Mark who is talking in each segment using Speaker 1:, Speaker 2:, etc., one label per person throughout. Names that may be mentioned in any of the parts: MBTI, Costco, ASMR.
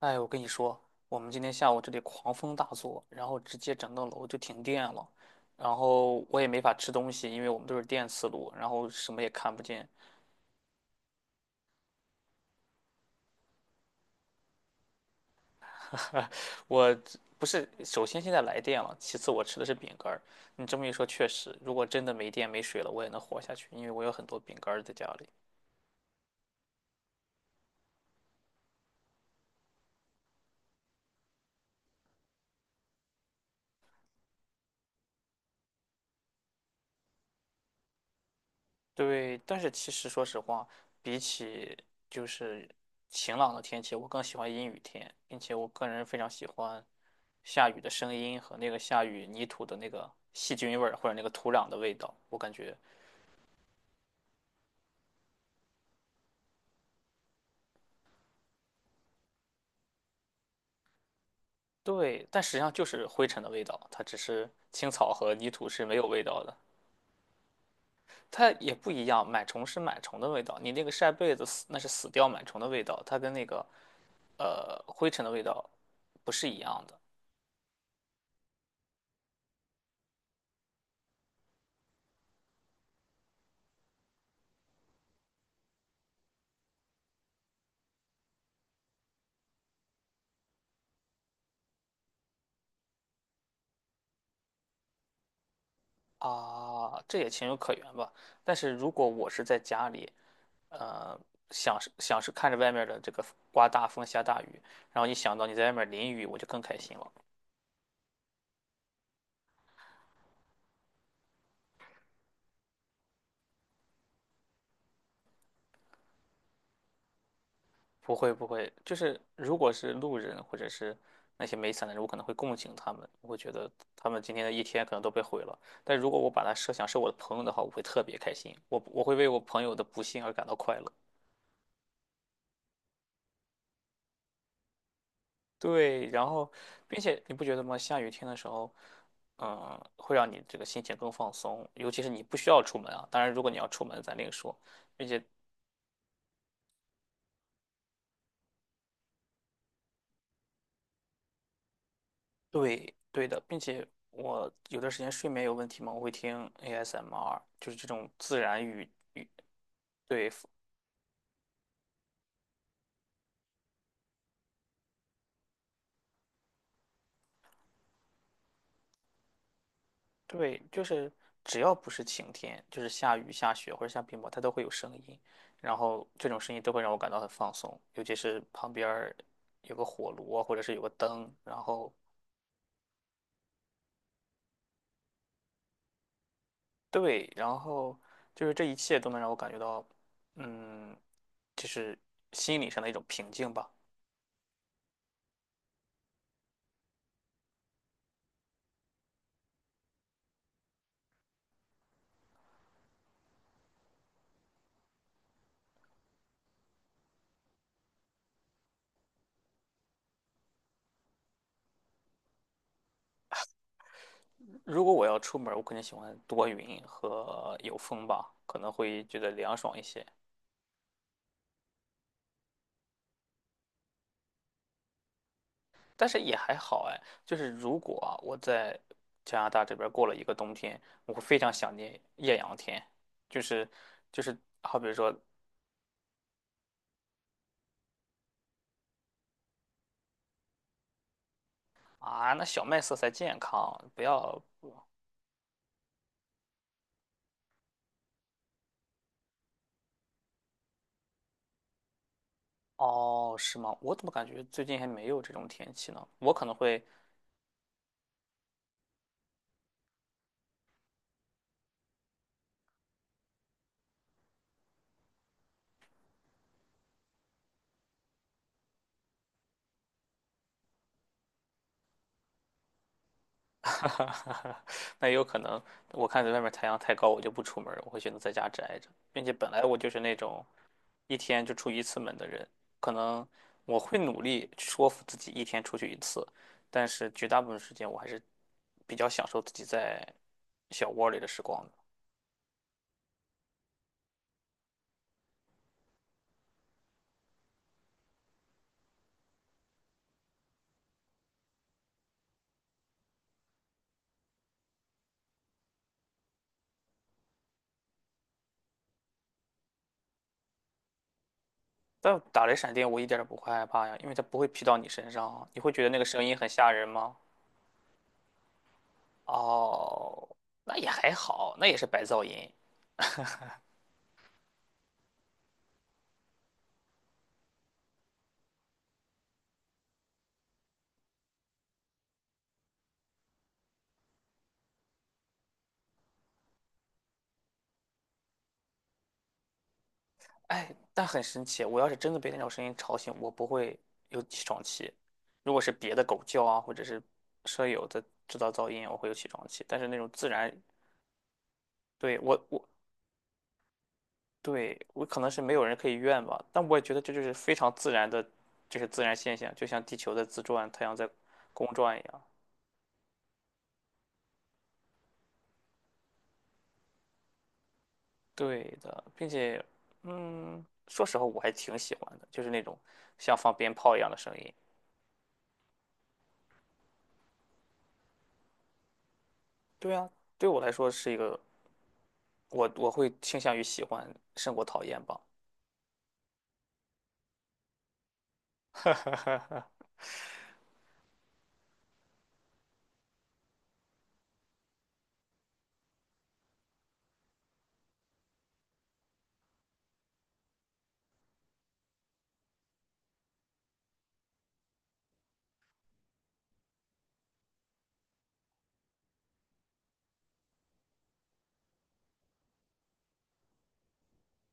Speaker 1: 哎，我跟你说，我们今天下午这里狂风大作，然后直接整栋楼就停电了，然后我也没法吃东西，因为我们都是电磁炉，然后什么也看不见。我这不是，首先现在来电了，其次我吃的是饼干儿。你这么一说，确实，如果真的没电没水了，我也能活下去，因为我有很多饼干儿在家里。对，但是其实说实话，比起就是晴朗的天气，我更喜欢阴雨天，并且我个人非常喜欢下雨的声音和那个下雨泥土的那个细菌味儿或者那个土壤的味道，我感觉对，但实际上就是灰尘的味道，它只是青草和泥土是没有味道的，它也不一样，螨虫是螨虫的味道，你那个晒被子死那是死掉螨虫的味道，它跟那个灰尘的味道不是一样的。啊，这也情有可原吧。但是如果我是在家里，呃，想是看着外面的这个刮大风下大雨，然后一想到你在外面淋雨，我就更开心了。不会不会，就是如果是路人或者是那些没伞的人，我可能会共情他们，我会觉得他们今天的一天可能都被毁了。但如果我把它设想是我的朋友的话，我会特别开心，我会为我朋友的不幸而感到快乐。对，然后，并且你不觉得吗？下雨天的时候，嗯，会让你这个心情更放松，尤其是你不需要出门啊。当然，如果你要出门，咱另说。并且，对，对的，并且我有段时间睡眠有问题嘛，我会听 ASMR，就是这种自然语，对对，就是只要不是晴天，就是下雨、下雪或者下冰雹，它都会有声音，然后这种声音都会让我感到很放松，尤其是旁边儿有个火炉啊，或者是有个灯，然后。对，然后就是这一切都能让我感觉到，嗯，就是心理上的一种平静吧。如果我要出门儿我肯定喜欢多云和有风吧，可能会觉得凉爽一些。但是也还好哎，就是如果啊我在加拿大这边儿过了一个冬天，我会非常想念艳阳天，就是就是好比说啊，那小麦色才健康，不要哦，是吗？我怎么感觉最近还没有这种天气呢？我可能会。哈哈哈哈，那也有可能，我看在外面太阳太高，我就不出门儿我会选择在家宅着，并且本来我就是那种一天就出一次门的人，可能我会努力说服自己一天出去一次，但是绝大部分时间我还是比较享受自己在小窝里的时光的。但打雷闪电我一点儿也不会害怕呀，因为它不会劈到你身上啊，你会觉得那个声音很吓人吗？哦，那也还好，那也是白噪音。哎，但很神奇，我要是真的被那种声音吵醒，我不会有起床气。如果是别的狗叫啊，或者是舍友的制造噪音，我会有起床气。但是那种自然，对，我对我可能是没有人可以怨吧，但我也觉得这就是非常自然的，就是自然现象，就像地球在自转，太阳在公转一样。对的，并且，嗯，说实话，我还挺喜欢的，就是那种像放鞭炮一样的声音。对啊，对我来说是一个我会倾向于喜欢胜过讨厌吧。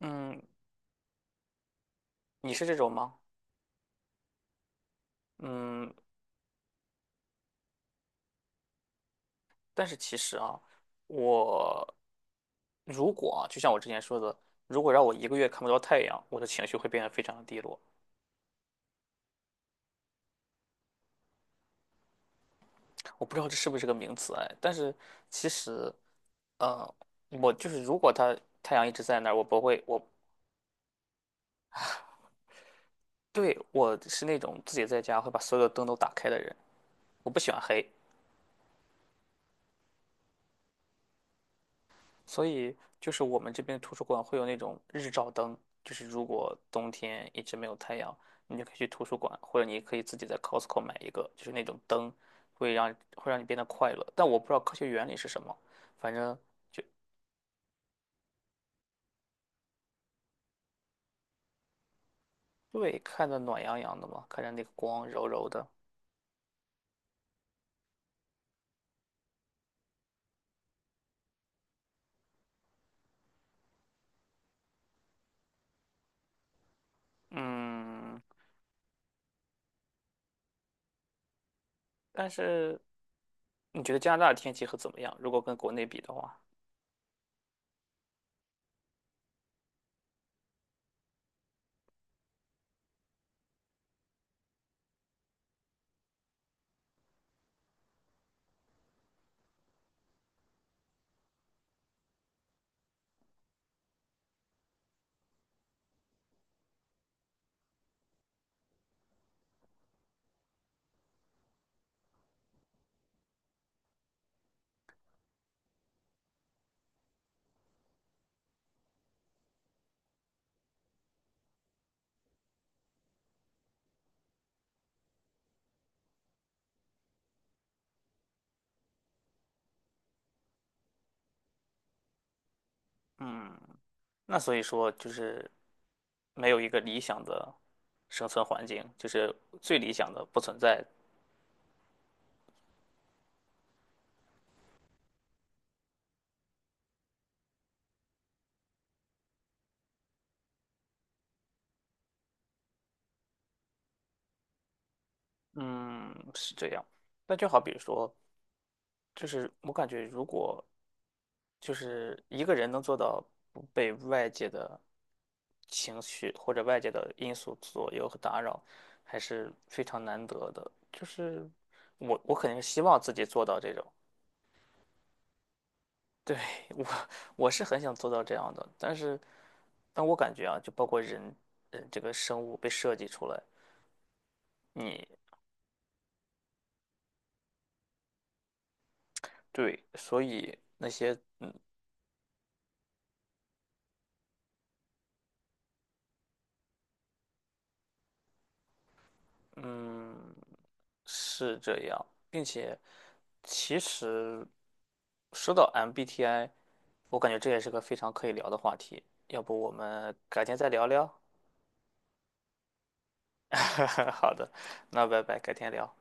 Speaker 1: 嗯，你是这种吗？嗯，但是其实啊，我如果啊，就像我之前说的，如果让我一个月看不到太阳，我的情绪会变得非常的低落。我不知道这是不是个名词哎，但是其实，呃，我就是如果它太阳一直在那儿，我不会，我对我是那种自己在家会把所有的灯都打开的人，我不喜欢黑，所以就是我们这边图书馆会有那种日照灯，就是如果冬天一直没有太阳，你就可以去图书馆，或者你可以自己在 Costco 买一个，就是那种灯，会让你变得快乐。但我不知道科学原理是什么，反正就对，看着暖洋洋的嘛，看着那个光柔柔的，嗯。但是你觉得加拿大的天气会怎么样？如果跟国内比的话，嗯。那所以说就是没有一个理想的生存环境，就是最理想的不存在。嗯，是这样。那就好比说，就是我感觉如果就是一个人能做到不被外界的情绪或者外界的因素左右和打扰，还是非常难得的。就是我肯定是希望自己做到这种。对，我我是很想做到这样的，但是但我感觉啊，就包括人，这个生物被设计出来，你对，所以那些嗯嗯是这样，并且其实说到 MBTI，我感觉这也是个非常可以聊的话题，要不我们改天再聊聊？好的，那拜拜，改天聊。